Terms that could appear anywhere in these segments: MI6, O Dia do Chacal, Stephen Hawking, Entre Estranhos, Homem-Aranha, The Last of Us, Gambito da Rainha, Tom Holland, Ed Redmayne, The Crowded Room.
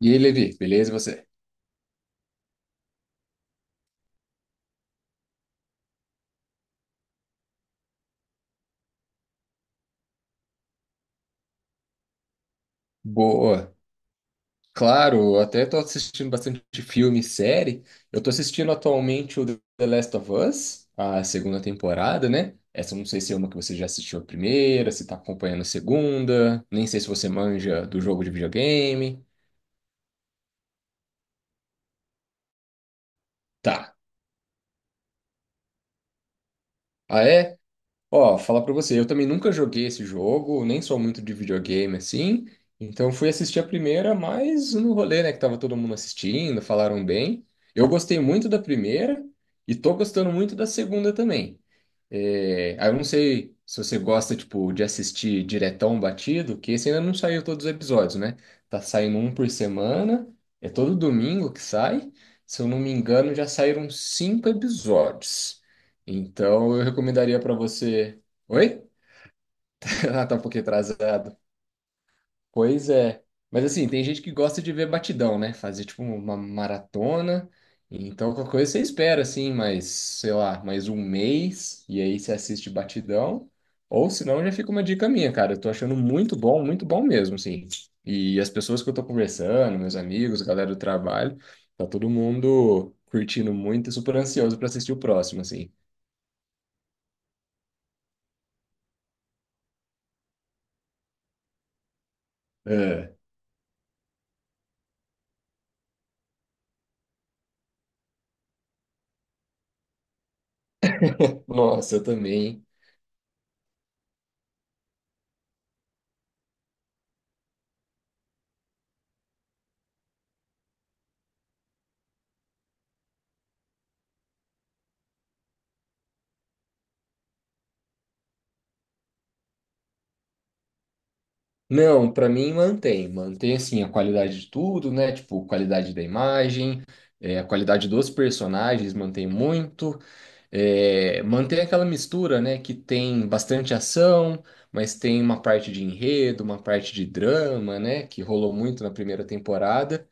E aí, Levi, beleza? E você? Boa. Claro, eu até tô assistindo bastante filme e série. Eu tô assistindo atualmente o The Last of Us, a segunda temporada, né? Essa eu não sei se é uma que você já assistiu a primeira, se tá acompanhando a segunda, nem sei se você manja do jogo de videogame. Tá. Ah, é? Ó, falar pra você, eu também nunca joguei esse jogo, nem sou muito de videogame assim, então fui assistir a primeira, mas no rolê, né, que tava todo mundo assistindo, falaram bem. Eu gostei muito da primeira e tô gostando muito da segunda também. É, aí eu não sei se você gosta, tipo, de assistir diretão batido, que esse ainda não saiu todos os episódios, né? Tá saindo um por semana, é todo domingo que sai. Se eu não me engano, já saíram cinco episódios. Então, eu recomendaria para você. Oi? Ah, tá um pouquinho atrasado. Pois é. Mas assim, tem gente que gosta de ver batidão, né? Fazer tipo uma maratona. Então, qualquer coisa você espera, assim, mais, sei lá, mais 1 mês. E aí você assiste batidão. Ou senão já fica uma dica minha, cara. Eu tô achando muito bom mesmo, assim. E as pessoas que eu tô conversando, meus amigos, a galera do trabalho, tá todo mundo curtindo muito e super ansioso para assistir o próximo, assim. É. Nossa, eu também. Não, para mim mantém, mantém assim a qualidade de tudo, né? Tipo, qualidade da imagem, a qualidade dos personagens mantém muito, é, mantém aquela mistura, né, que tem bastante ação, mas tem uma parte de enredo, uma parte de drama, né, que rolou muito na primeira temporada.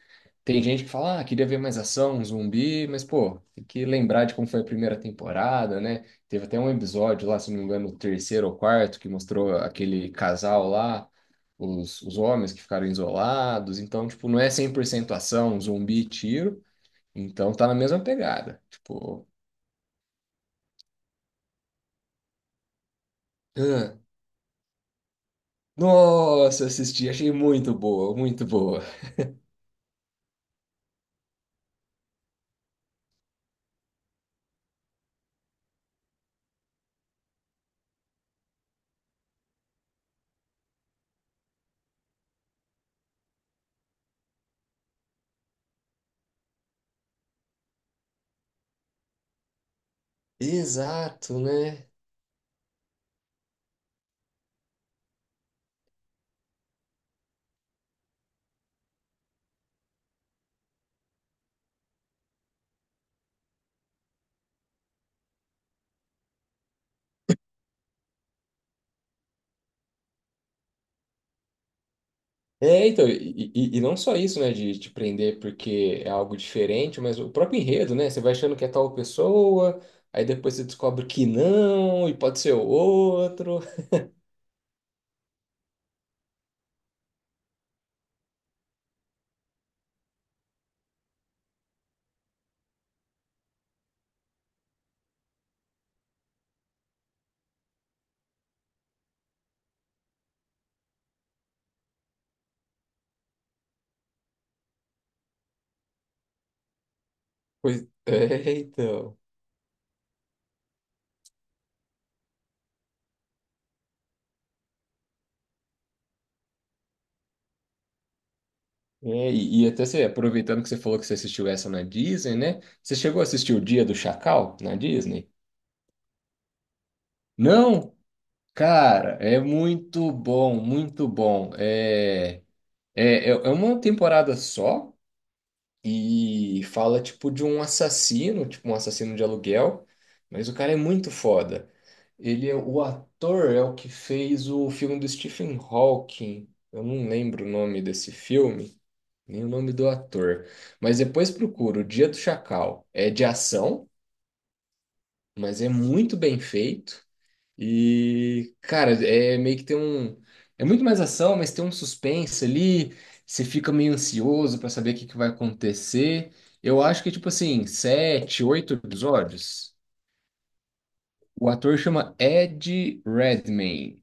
Tem gente que fala, ah, queria ver mais ação, um zumbi, mas, pô, tem que lembrar de como foi a primeira temporada, né? Teve até um episódio lá, se não me engano, o terceiro ou quarto, que mostrou aquele casal lá, os homens que ficaram isolados. Então, tipo, não é 100% ação, zumbi, e tiro. Então, tá na mesma pegada. Tipo. Nossa, assisti, achei muito boa, muito boa. Exato, né? É, então, e não só isso, né, de te prender porque é algo diferente, mas o próprio enredo, né? Você vai achando que é tal pessoa, aí depois você descobre que não, e pode ser outro. Pois, é, então. É, e até você, aproveitando que você falou que você assistiu essa na Disney, né? Você chegou a assistir O Dia do Chacal na Disney? Não? Cara, é muito bom, muito bom. É. É uma temporada só e fala tipo de um assassino, tipo um assassino de aluguel, mas o cara é muito foda. Ele é o ator é o que fez o filme do Stephen Hawking. Eu não lembro o nome desse filme, nem o nome do ator. Mas depois procura, O Dia do Chacal. É de ação, mas é muito bem feito. E, cara, é meio que tem um. É muito mais ação, mas tem um suspense ali. Você fica meio ansioso pra saber o que que vai acontecer. Eu acho que, tipo assim, sete, oito episódios. O ator chama Ed Redmayne.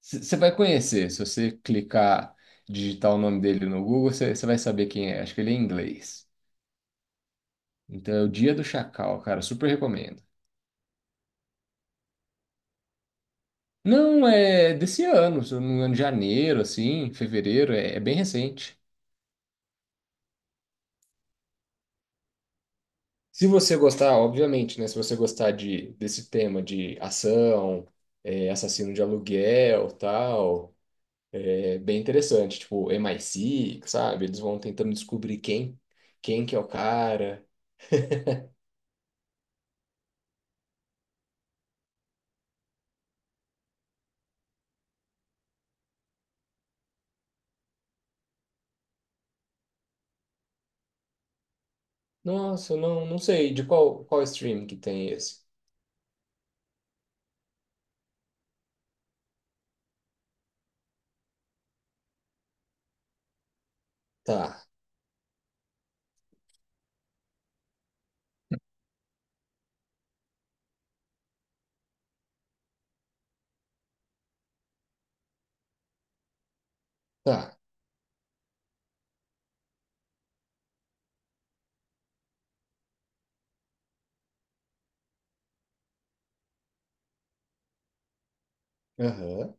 Você vai conhecer. Se você clicar, digitar o nome dele no Google, você vai saber quem é. Acho que ele é inglês. Então é o Dia do Chacal, cara. Super recomendo. Não, é desse ano, se eu não me engano, janeiro, assim, fevereiro, é bem recente. Se você gostar, obviamente, né? Se você gostar desse tema de ação, é, assassino de aluguel, tal, é bem interessante. Tipo, MI6, sabe? Eles vão tentando descobrir quem que é o cara. Nossa, eu não sei de qual stream que tem esse. Tá, tá. Aham.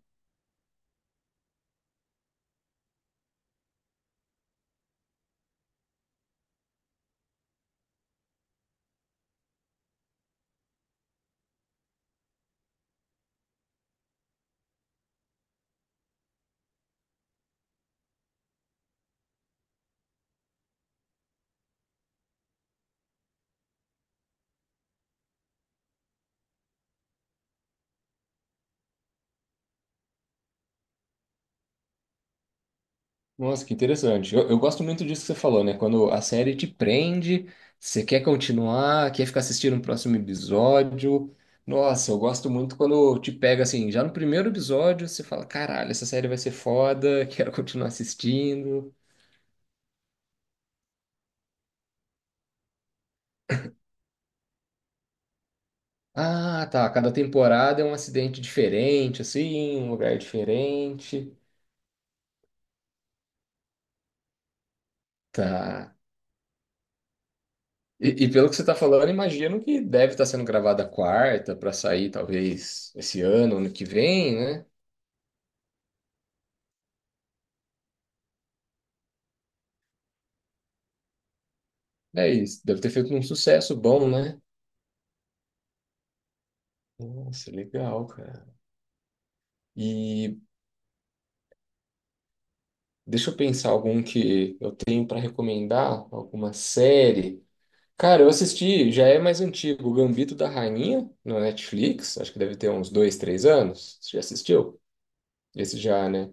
Nossa, que interessante. Eu gosto muito disso que você falou, né? Quando a série te prende, você quer continuar, quer ficar assistindo o próximo episódio. Nossa, eu gosto muito quando te pega assim, já no primeiro episódio, você fala: caralho, essa série vai ser foda, quero continuar assistindo. Ah, tá. Cada temporada é um acidente diferente, assim, um lugar diferente. Tá. E pelo que você tá falando, eu imagino que deve estar sendo gravada a quarta pra sair, talvez, esse ano, ano que vem, né? É isso, deve ter feito um sucesso bom, né? Nossa, legal, cara. E deixa eu pensar algum que eu tenho para recomendar, alguma série. Cara, eu assisti, já é mais antigo, o Gambito da Rainha, no Netflix, acho que deve ter uns 2, 3 anos. Você já assistiu? Esse já, né?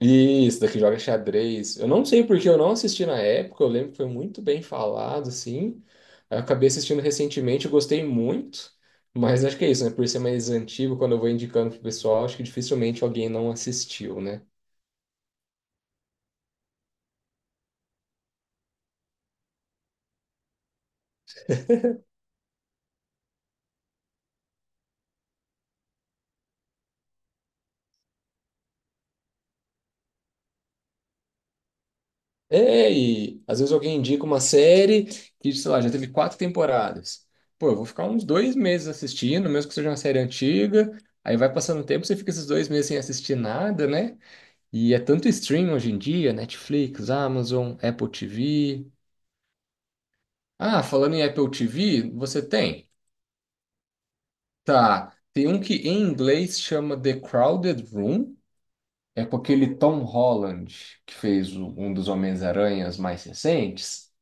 Isso, daqui joga xadrez. Eu não sei porque eu não assisti na época, eu lembro que foi muito bem falado, assim. Eu acabei assistindo recentemente, eu gostei muito, mas acho que é isso, né? Por ser mais antigo, quando eu vou indicando pro pessoal, acho que dificilmente alguém não assistiu, né? É, e às vezes alguém indica uma série que, sei lá, já teve quatro temporadas. Pô, eu vou ficar uns 2 meses assistindo, mesmo que seja uma série antiga. Aí vai passando o tempo, você fica esses 2 meses sem assistir nada, né? E é tanto stream hoje em dia, Netflix, Amazon, Apple TV. Ah, falando em Apple TV, você tem? Tá. Tem um que em inglês chama The Crowded Room. É com aquele Tom Holland, que fez um dos Homens-Aranhas mais recentes.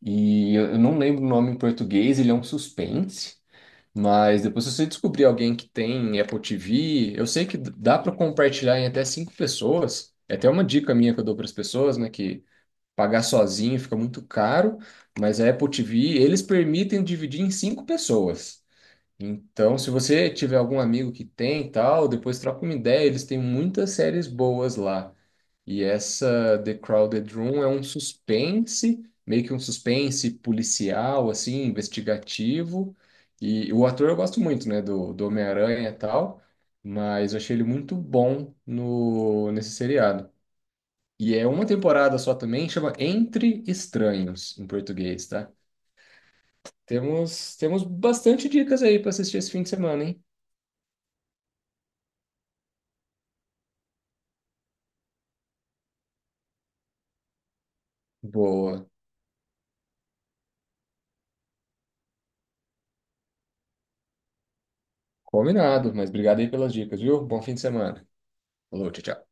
E eu não lembro o nome em português, ele é um suspense. Mas depois, se você descobrir alguém que tem Apple TV, eu sei que dá para compartilhar em até cinco pessoas. É até uma dica minha que eu dou para as pessoas, né? Que pagar sozinho fica muito caro, mas a Apple TV, eles permitem dividir em cinco pessoas. Então, se você tiver algum amigo que tem e tal, depois troca uma ideia, eles têm muitas séries boas lá. E essa The Crowded Room é um suspense, meio que um suspense policial, assim, investigativo. E o ator eu gosto muito, né, do Homem-Aranha e tal, mas eu achei ele muito bom no, nesse seriado. E é uma temporada só também, chama Entre Estranhos, em português, tá? Temos bastante dicas aí para assistir esse fim de semana, hein? Boa. Combinado, mas obrigado aí pelas dicas, viu? Bom fim de semana. Falou, tchau, tchau.